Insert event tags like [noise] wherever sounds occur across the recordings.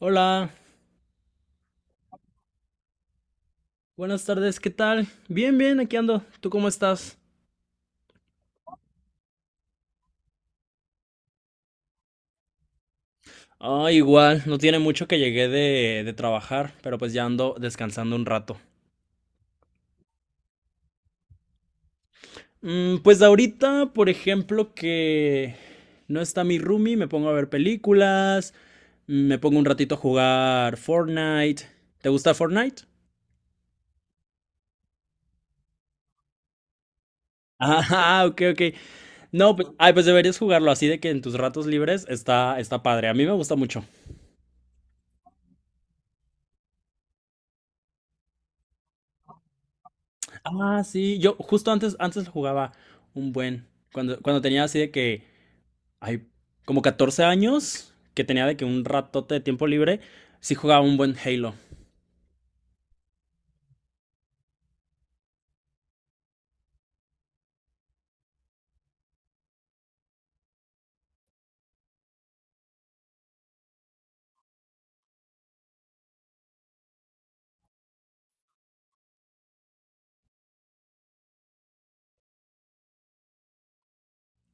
Hola, buenas tardes, ¿qué tal? Bien, bien, aquí ando. ¿Tú cómo estás? Ah, igual, no tiene mucho que llegué de trabajar, pero pues ya ando descansando un rato. Pues ahorita, por ejemplo, que no está mi roomie, me pongo a ver películas, me pongo un ratito a jugar Fortnite. ¿Te gusta Fortnite? Ah, [laughs] ok, ok. No, pues, ay, pues deberías jugarlo así de que en tus ratos libres está padre. A mí me gusta mucho. Ah, sí, yo justo antes jugaba un buen, cuando tenía así de que, hay como 14 años, que tenía de que un ratote de tiempo libre, sí jugaba un buen Halo.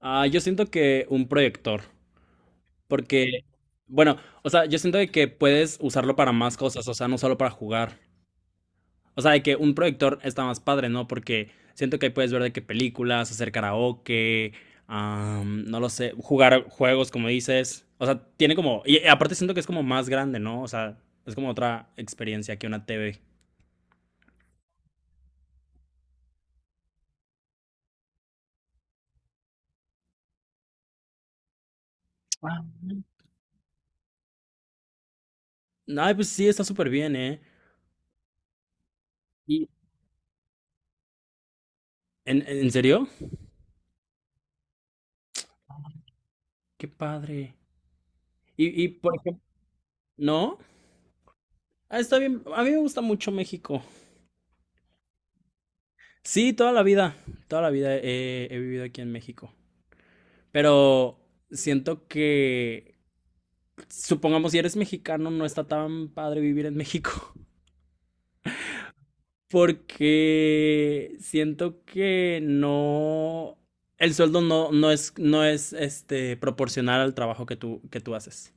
Ah, yo siento que un proyector, porque, bueno, o sea, yo siento de que puedes usarlo para más cosas, o sea, no solo para jugar. O sea, de que un proyector está más padre, ¿no? Porque siento que ahí puedes ver de qué películas, hacer karaoke, no lo sé, jugar juegos, como dices. O sea, tiene como... Y aparte siento que es como más grande, ¿no? O sea, es como otra experiencia que una TV. Ah, ay, pues sí, está súper bien, ¿eh? Y, ¿en serio? Qué padre. Y por ejemplo, ¿no? Ah, está bien. A mí me gusta mucho México. Sí, toda la vida. Toda la vida he vivido aquí en México. Pero siento que supongamos si eres mexicano, no está tan padre vivir en México. [laughs] Porque siento que no. El sueldo no, no es, no es este, proporcional al trabajo que tú haces.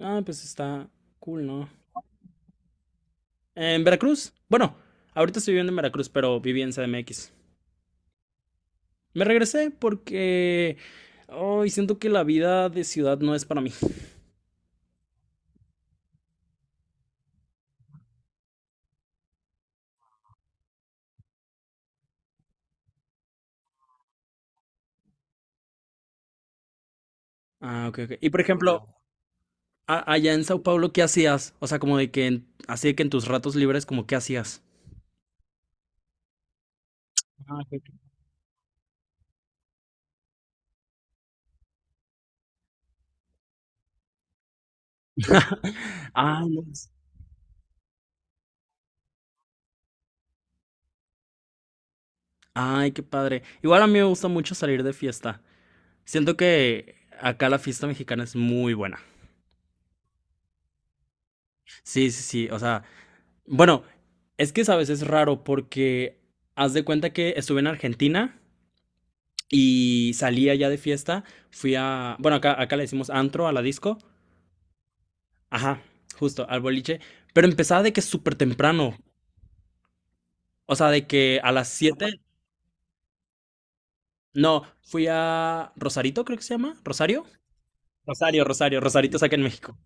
Ah, pues está cool, ¿no? En Veracruz. Bueno, ahorita estoy viviendo en Veracruz, pero viví en CDMX. Me regresé porque. Ay, siento que la vida de ciudad no es para mí. Ah, ok, ok. Y por ejemplo, allá en Sao Paulo, ¿qué hacías? O sea, como de que así de que en tus ratos libres, como, ¿qué hacías? Ah, ok. [laughs] Ah, no. Ay, qué padre. Igual a mí me gusta mucho salir de fiesta. Siento que acá la fiesta mexicana es muy buena. Sí, sí, sí. O sea, bueno, es que sabes, es raro porque haz de cuenta que estuve en Argentina y salí allá de fiesta. Fui a, bueno, acá le decimos antro a la disco. Ajá, justo, al boliche. Pero empezaba de que súper temprano. O sea, de que a las 7 no, fui a Rosarito, creo que se llama, Rosario. Rosario, Rosario, Rosarito es acá en México.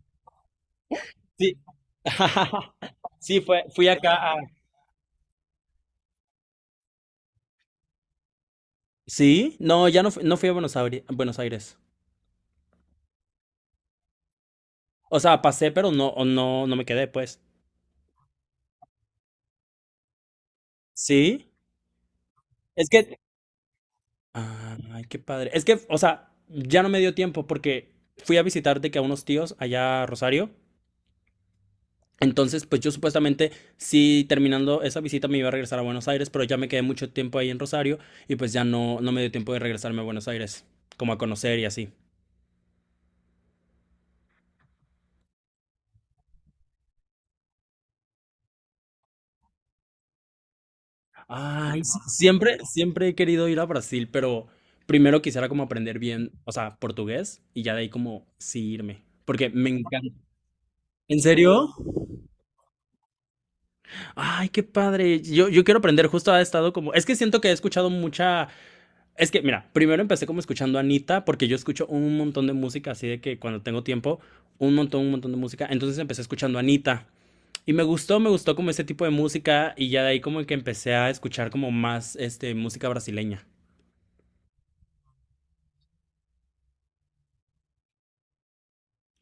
Sí. [laughs] Sí, fui acá a... Sí, no, ya no, no fui a Buenos Aires, Buenos Aires. O sea, pasé, pero no, o no, no me quedé, pues. Sí, es que... Ay, qué padre. Es que, o sea, ya no me dio tiempo porque fui a visitar de que a unos tíos allá a Rosario. Entonces, pues yo supuestamente, sí, terminando esa visita me iba a regresar a Buenos Aires, pero ya me quedé mucho tiempo ahí en Rosario y pues ya no, no me dio tiempo de regresarme a Buenos Aires, como a conocer y así. Ay, sí, siempre, siempre he querido ir a Brasil, pero primero quisiera como aprender bien, o sea, portugués y ya de ahí como sí irme, porque me encanta. ¿En serio? Ay, qué padre. Yo quiero aprender, justo ha estado como, es que siento que he escuchado mucha. Es que, mira, primero empecé como escuchando a Anita, porque yo escucho un montón de música, así de que cuando tengo tiempo, un montón de música. Entonces empecé escuchando a Anita. Y me gustó como ese tipo de música, y ya de ahí como que empecé a escuchar como más, este, música brasileña.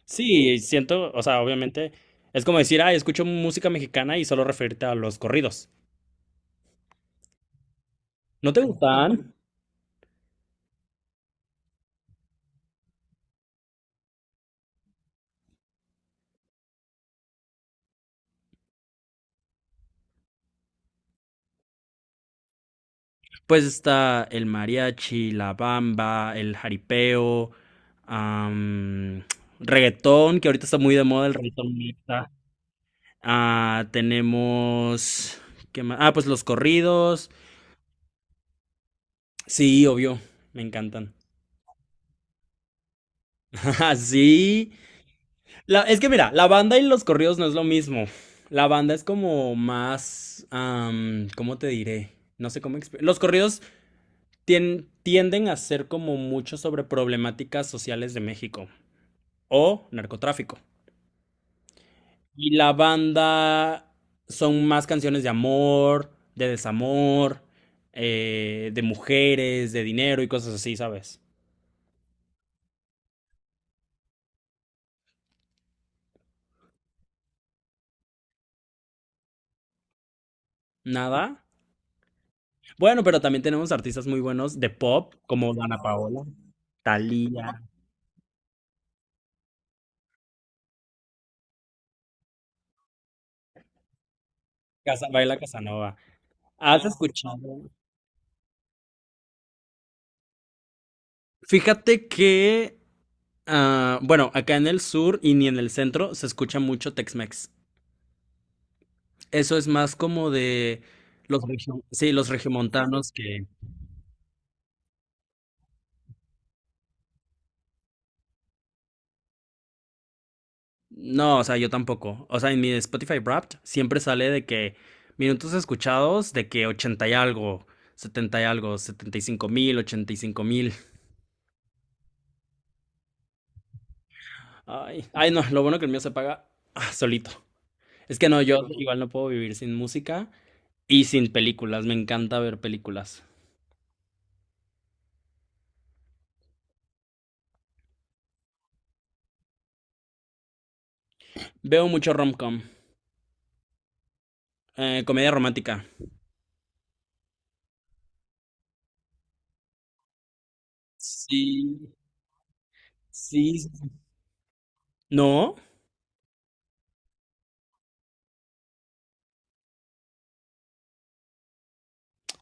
Sí, siento, o sea, obviamente, es como decir, ay, escucho música mexicana y solo referirte a los corridos. ¿No te gustan? Pues está el mariachi, la bamba, el jaripeo, am, reggaetón, que ahorita está muy de moda el reggaetón. Neta. Ah, tenemos, ¿qué más? Ah, pues los corridos. Sí, obvio, me encantan. [laughs] Ajá, sí, es que mira, la banda y los corridos no es lo mismo. La banda es como más, ¿cómo te diré? No sé cómo. Los corridos tienden a ser como mucho sobre problemáticas sociales de México. O narcotráfico. Y la banda son más canciones de amor, de desamor, de mujeres, de dinero y cosas así, ¿sabes? Nada. Bueno, pero también tenemos artistas muy buenos de pop, como Dana Paola, Thalía, Baila Casanova. ¿Has escuchado? Fíjate que, bueno, acá en el sur y ni en el centro se escucha mucho Tex-Mex. Eso es más como de sí, los regiomontanos que... No, o sea, yo tampoco. O sea, en mi Spotify Wrapped siempre sale de que minutos escuchados, de que 80 y algo, 70 y algo, 75,000, 85,000. Ay, ay, no, lo bueno que el mío se paga solito. Es que no, yo igual no puedo vivir sin música y sin películas. Me encanta ver películas. Veo mucho rom-com, comedia romántica. Sí, sí, sí. ¿No?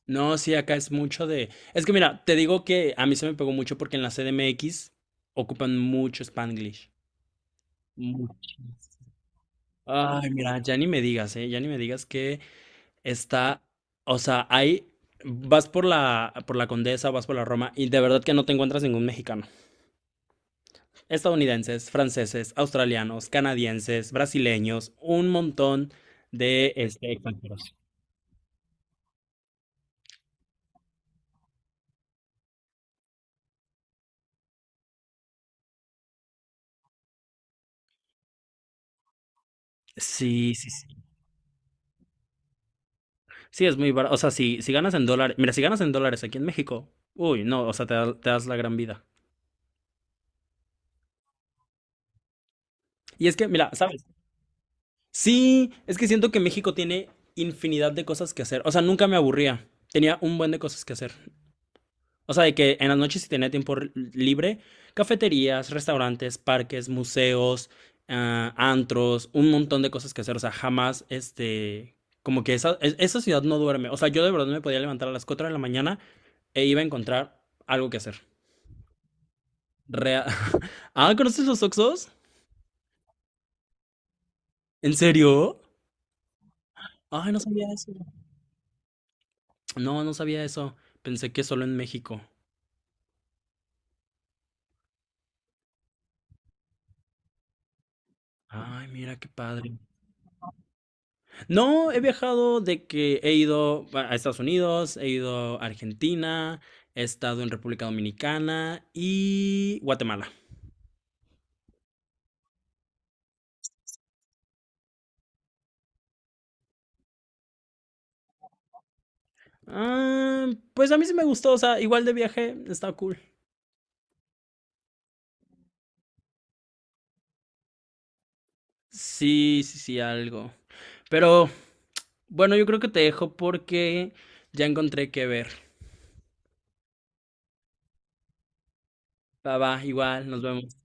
No, sí, acá es mucho de... Es que mira, te digo que a mí se me pegó mucho porque en la CDMX ocupan mucho Spanglish. Muchísimo. Ay, mira, ya ni me digas, ¿eh? Ya ni me digas que está... O sea, ahí vas por la Condesa, vas por la Roma y de verdad que no te encuentras ningún mexicano. Estadounidenses, franceses, australianos, canadienses, brasileños, un montón de extranjeros. Sí, sí, sí. Sí, es muy barato. O sea, si ganas en dólares, mira, si ganas en dólares aquí en México, uy, no, o sea, te das la gran vida. Y es que, mira, ¿sabes? Sí, es que siento que México tiene infinidad de cosas que hacer. O sea, nunca me aburría. Tenía un buen de cosas que hacer. O sea, de que en las noches si tenía tiempo libre, cafeterías, restaurantes, parques, museos, antros, un montón de cosas que hacer. O sea, jamás, como que esa ciudad no duerme. O sea, yo de verdad me podía levantar a las 4 de la mañana e iba a encontrar algo que hacer. Rea- [laughs] ¿Conoces los oxxos? ¿En serio? Ay, no sabía eso. No, no sabía eso. Pensé que solo en México. Ay, mira qué padre. No, he viajado de que he ido a Estados Unidos, he ido a Argentina, he estado en República Dominicana y Guatemala. Ah, pues a mí sí me gustó, o sea, igual de viaje, está cool. Sí, sí, sí, algo. Pero bueno, yo creo que te dejo porque ya encontré qué ver. Va, va, igual, nos vemos.